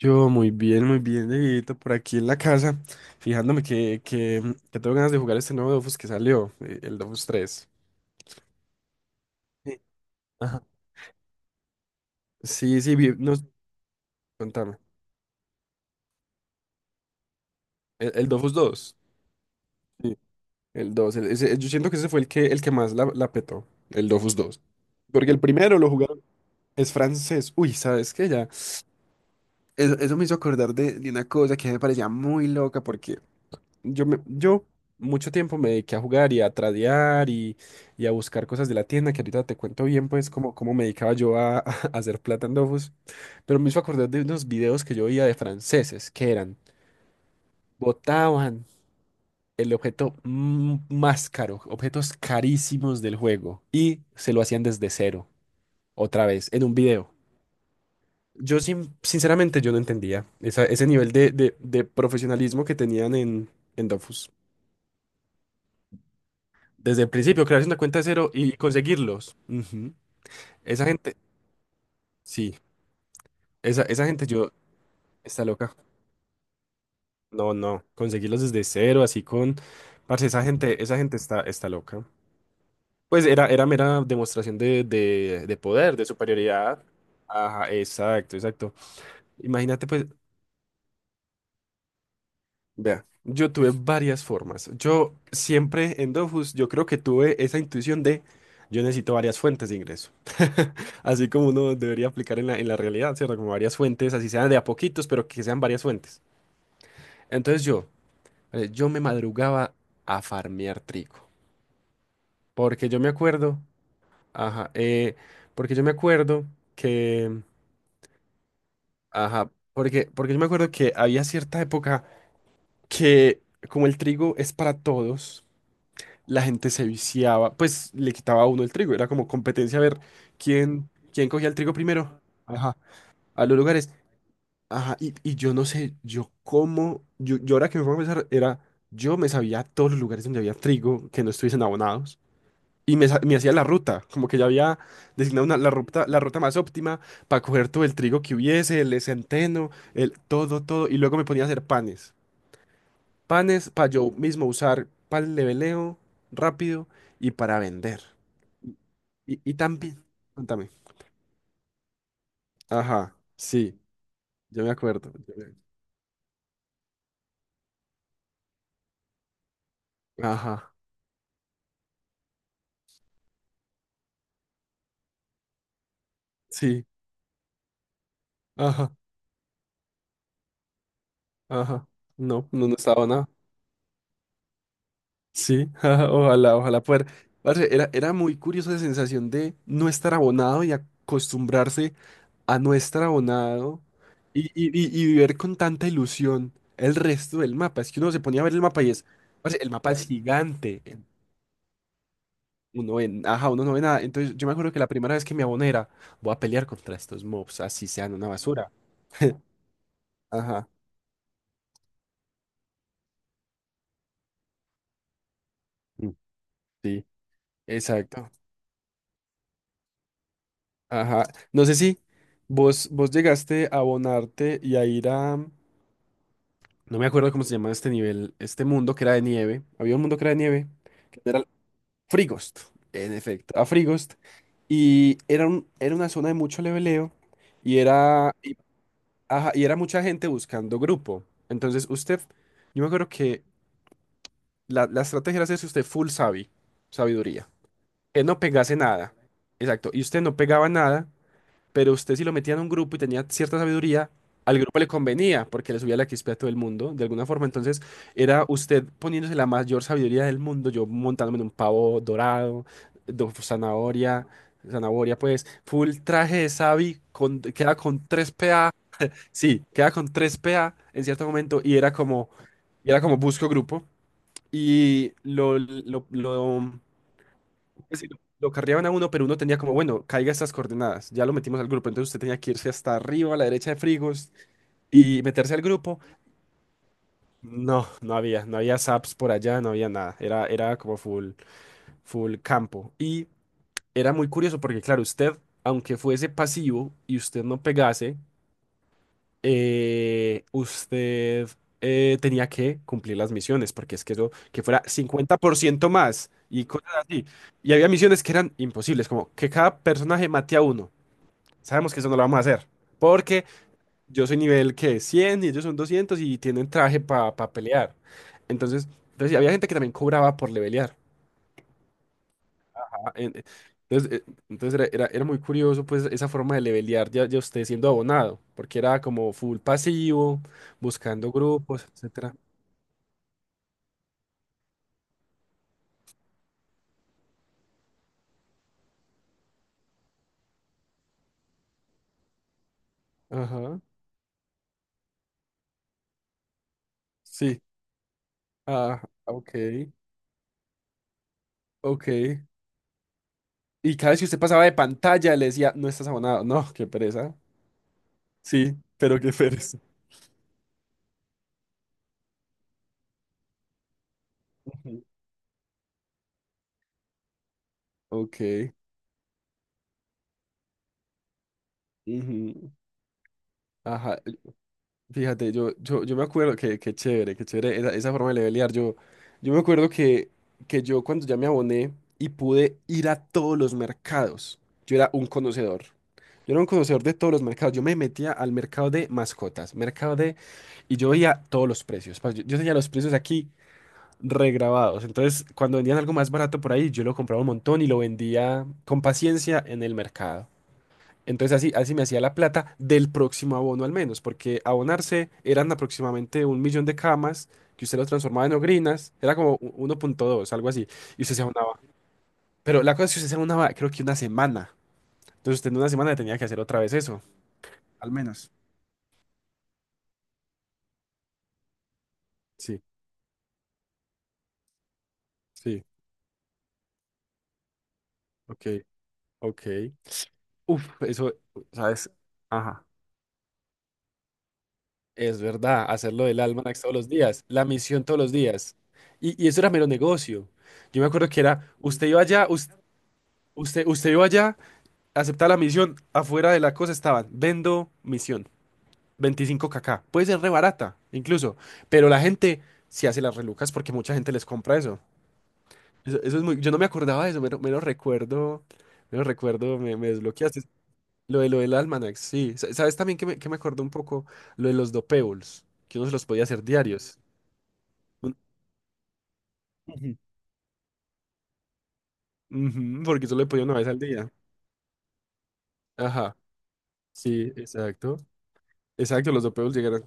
Yo muy bien, Dieguito, por aquí en la casa, fijándome que tengo ganas de jugar este nuevo Dofus que salió, el Dofus tres. Sí, ajá. Sí, sí, no, contame. El Dofus dos. Sí, el dos, yo siento que ese fue el que más la petó, el Dofus dos. Porque el primero lo jugaron, es francés. Uy, ¿sabes qué? Ya. Eso me hizo acordar de una cosa que me parecía muy loca, porque yo mucho tiempo me dediqué a jugar y a tradear y a buscar cosas de la tienda, que ahorita te cuento bien, pues, cómo me dedicaba yo a, a hacer plata en Dofus. Pero me hizo acordar de unos videos que yo veía de franceses, que eran, botaban el objeto más caro, objetos carísimos del juego, y se lo hacían desde cero, otra vez, en un video. Yo, sinceramente, yo no entendía ese nivel de profesionalismo que tenían en Dofus. Desde el principio, crearse una cuenta de cero y conseguirlos. Ujú. Esa gente, sí, esa gente yo, está loca. No, no, conseguirlos desde cero, así con, parce, esa gente está loca. Pues era mera demostración de poder, de superioridad. Ajá, exacto, exacto. Imagínate, pues. Vea, yo tuve varias formas. Yo siempre en Dofus, yo creo que tuve esa intuición de yo necesito varias fuentes de ingreso. Así como uno debería aplicar en la realidad, ¿cierto? Como varias fuentes, así sean de a poquitos, pero que sean varias fuentes. Entonces yo me madrugaba a farmear trigo. Porque yo me acuerdo, ajá, porque yo me acuerdo que, ajá, porque yo me acuerdo que había cierta época que como el trigo es para todos. La gente se viciaba, pues le quitaba a uno el trigo, era como competencia a ver quién cogía el trigo primero, ajá, a los lugares, ajá, y yo no sé, yo cómo, yo ahora que me pongo a pensar, era, yo me sabía todos los lugares donde había trigo que no estuviesen abonados, y me hacía la ruta, como que ya había designado una, la ruta más óptima para coger todo el trigo que hubiese, el centeno, el todo, todo, y luego me ponía a hacer panes, panes para yo mismo usar para el leveleo rápido y para vender. Y también, cuéntame. Ajá, sí, yo me acuerdo. Ajá, sí, ajá, ajá. No, no, no estaba nada. Sí, ajá, ojalá, ojalá poder. Parce, era muy curiosa la sensación de no estar abonado y acostumbrarse a no estar abonado y ver con tanta ilusión el resto del mapa. Es que uno se ponía a ver el mapa y es, parce, el mapa es gigante. Uno en ajá, uno no ve nada. Entonces yo me acuerdo que la primera vez que me aboné era, voy a pelear contra estos mobs, así sean una basura. Ajá. Mm. Sí, exacto. Ajá. No sé si vos llegaste a abonarte y a ir a... No me acuerdo cómo se llama este nivel, este mundo que era de nieve. Había un mundo que era de nieve, que era Frigost, en efecto, a Frigost. Y era una zona de mucho leveleo y era, ajá, y era mucha gente buscando grupo. Entonces usted, yo me acuerdo que la estrategia era hacerse usted full sabi, sabiduría. Que no pegase nada. Exacto. Y usted no pegaba nada, pero usted si lo metía en un grupo y tenía cierta sabiduría, al grupo le convenía porque le subía la XP a todo el mundo, de alguna forma. Entonces era usted poniéndose la mayor sabiduría del mundo, yo montándome en un pavo dorado, zanahoria, pues, full traje de sabi, queda con 3 PA, sí, queda con 3 PA en cierto momento y era como busco grupo y pues sí, lo carreaban a uno, pero uno tenía como, bueno, caiga estas coordenadas, ya lo metimos al grupo, entonces usted tenía que irse hasta arriba, a la derecha de Frigos, y meterse al grupo. No, no había saps por allá, no había nada, era como full campo. Y era muy curioso porque, claro, usted, aunque fuese pasivo y usted no pegase, usted tenía que cumplir las misiones, porque es que eso, que fuera 50% más y cosas así. Y había misiones que eran imposibles, como que cada personaje mate a uno. Sabemos que eso no lo vamos a hacer, porque yo soy nivel que 100 y ellos son 200 y tienen traje para pelear. Entonces, entonces, sí, había gente que también cobraba por levelear. En- eh, Entonces, eh, entonces era muy curioso pues esa forma de levelear ya usted siendo abonado, porque era como full pasivo, buscando grupos, etcétera. Ajá. Sí. Ah, ok. Ok. Y cada vez que usted pasaba de pantalla le decía, no estás abonado. No, qué pereza. Sí, pero qué pereza. Ujú. Ok. Ujú. Ajá. Fíjate, yo me acuerdo que chévere esa forma de levelear. Yo me acuerdo que yo cuando ya me aboné y pude ir a todos los mercados, yo era un conocedor. Yo era un conocedor de todos los mercados. Yo me metía al mercado de mascotas, mercado de... Y yo veía todos los precios. Yo tenía los precios aquí regrabados. Entonces, cuando vendían algo más barato por ahí, yo lo compraba un montón y lo vendía con paciencia en el mercado. Entonces así me hacía la plata del próximo abono al menos, porque abonarse eran aproximadamente un millón de camas que usted lo transformaba en ogrinas, era como 1,2 algo así, y usted se abonaba. Pero la cosa es que usted se abonaba creo que una semana. Entonces usted en una semana tenía que hacer otra vez eso, al menos. Sí, sí, ok, ok. Uf, eso, ¿sabes? Ajá. Es verdad, hacerlo del almanac todos los días, la misión todos los días. Y eso era mero negocio. Yo me acuerdo que era, usted iba allá, usted iba allá. Aceptar la misión, afuera de la cosa estaban, vendo misión, 25KK. Puede ser re barata, incluso, pero la gente se hace las relucas porque mucha gente les compra eso. Eso es muy, yo no me acordaba de eso, lo me lo recuerdo, me lo recuerdo, me desbloqueaste. Lo del Almanac, sí. ¿Sabes también que me acordó un poco lo de los dopables? Que uno se los podía hacer diarios. Un- Ujú. Ujú, porque solo le podía una vez al día. Ajá, sí, exacto. Exacto, los dopables llegaron.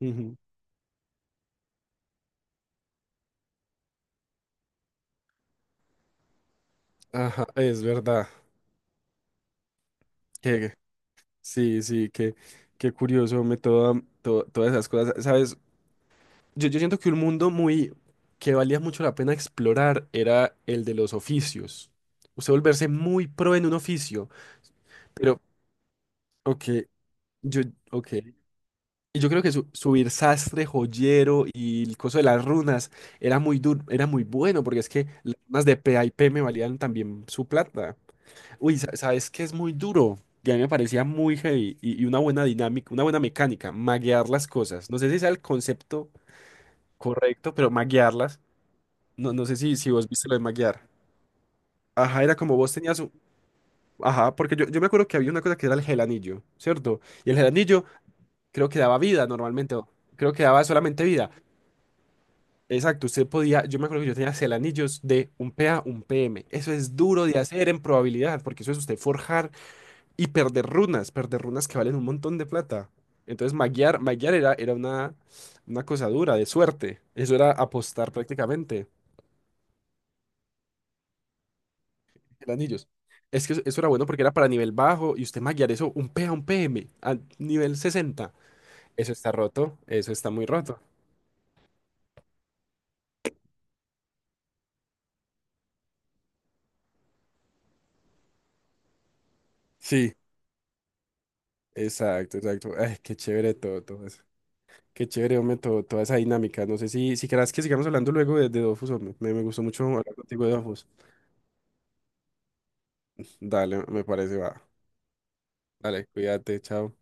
Ujú, ajá, es verdad. Que sí, sí, qué curioso, me todas esas cosas, ¿sabes? Yo siento que un mundo muy que valía mucho la pena explorar era el de los oficios. Usted volverse muy pro en un oficio, pero, ok, yo, ok. Y yo creo que subir sastre, joyero y el coso de las runas era muy duro, era muy bueno, porque es que las runas de P a y P me valían también su plata. Uy, ¿sabes qué es muy duro? Y a mí me parecía muy heavy y una buena dinámica, una buena mecánica, maguear las cosas. No sé si sea el concepto correcto, pero maguearlas. No, no sé si vos viste lo de maguear. Ajá, era como vos tenías un... Ajá, porque yo me acuerdo que había una cosa que era el gelanillo, ¿cierto? Y el gelanillo creo que daba vida normalmente, o creo que daba solamente vida. Exacto, usted podía, yo me acuerdo que yo tenía gelanillos de un p a un PM. Eso es duro de hacer en probabilidad, porque eso es usted forjar y perder runas que valen un montón de plata. Entonces, maguear era una cosa dura, de suerte. Eso era apostar prácticamente. Eran anillos. Es que eso era bueno porque era para nivel bajo y usted maguear eso un P a un PM a nivel 60. Eso está roto, eso está muy roto. Sí, exacto, exacto. Ay, qué chévere todo eso. Qué chévere, hombre, toda esa dinámica. No sé si querás que sigamos hablando luego de Dofus, hombre. Me gustó mucho hablar contigo de Dofus. Dale, me parece, va. Dale, cuídate, chao.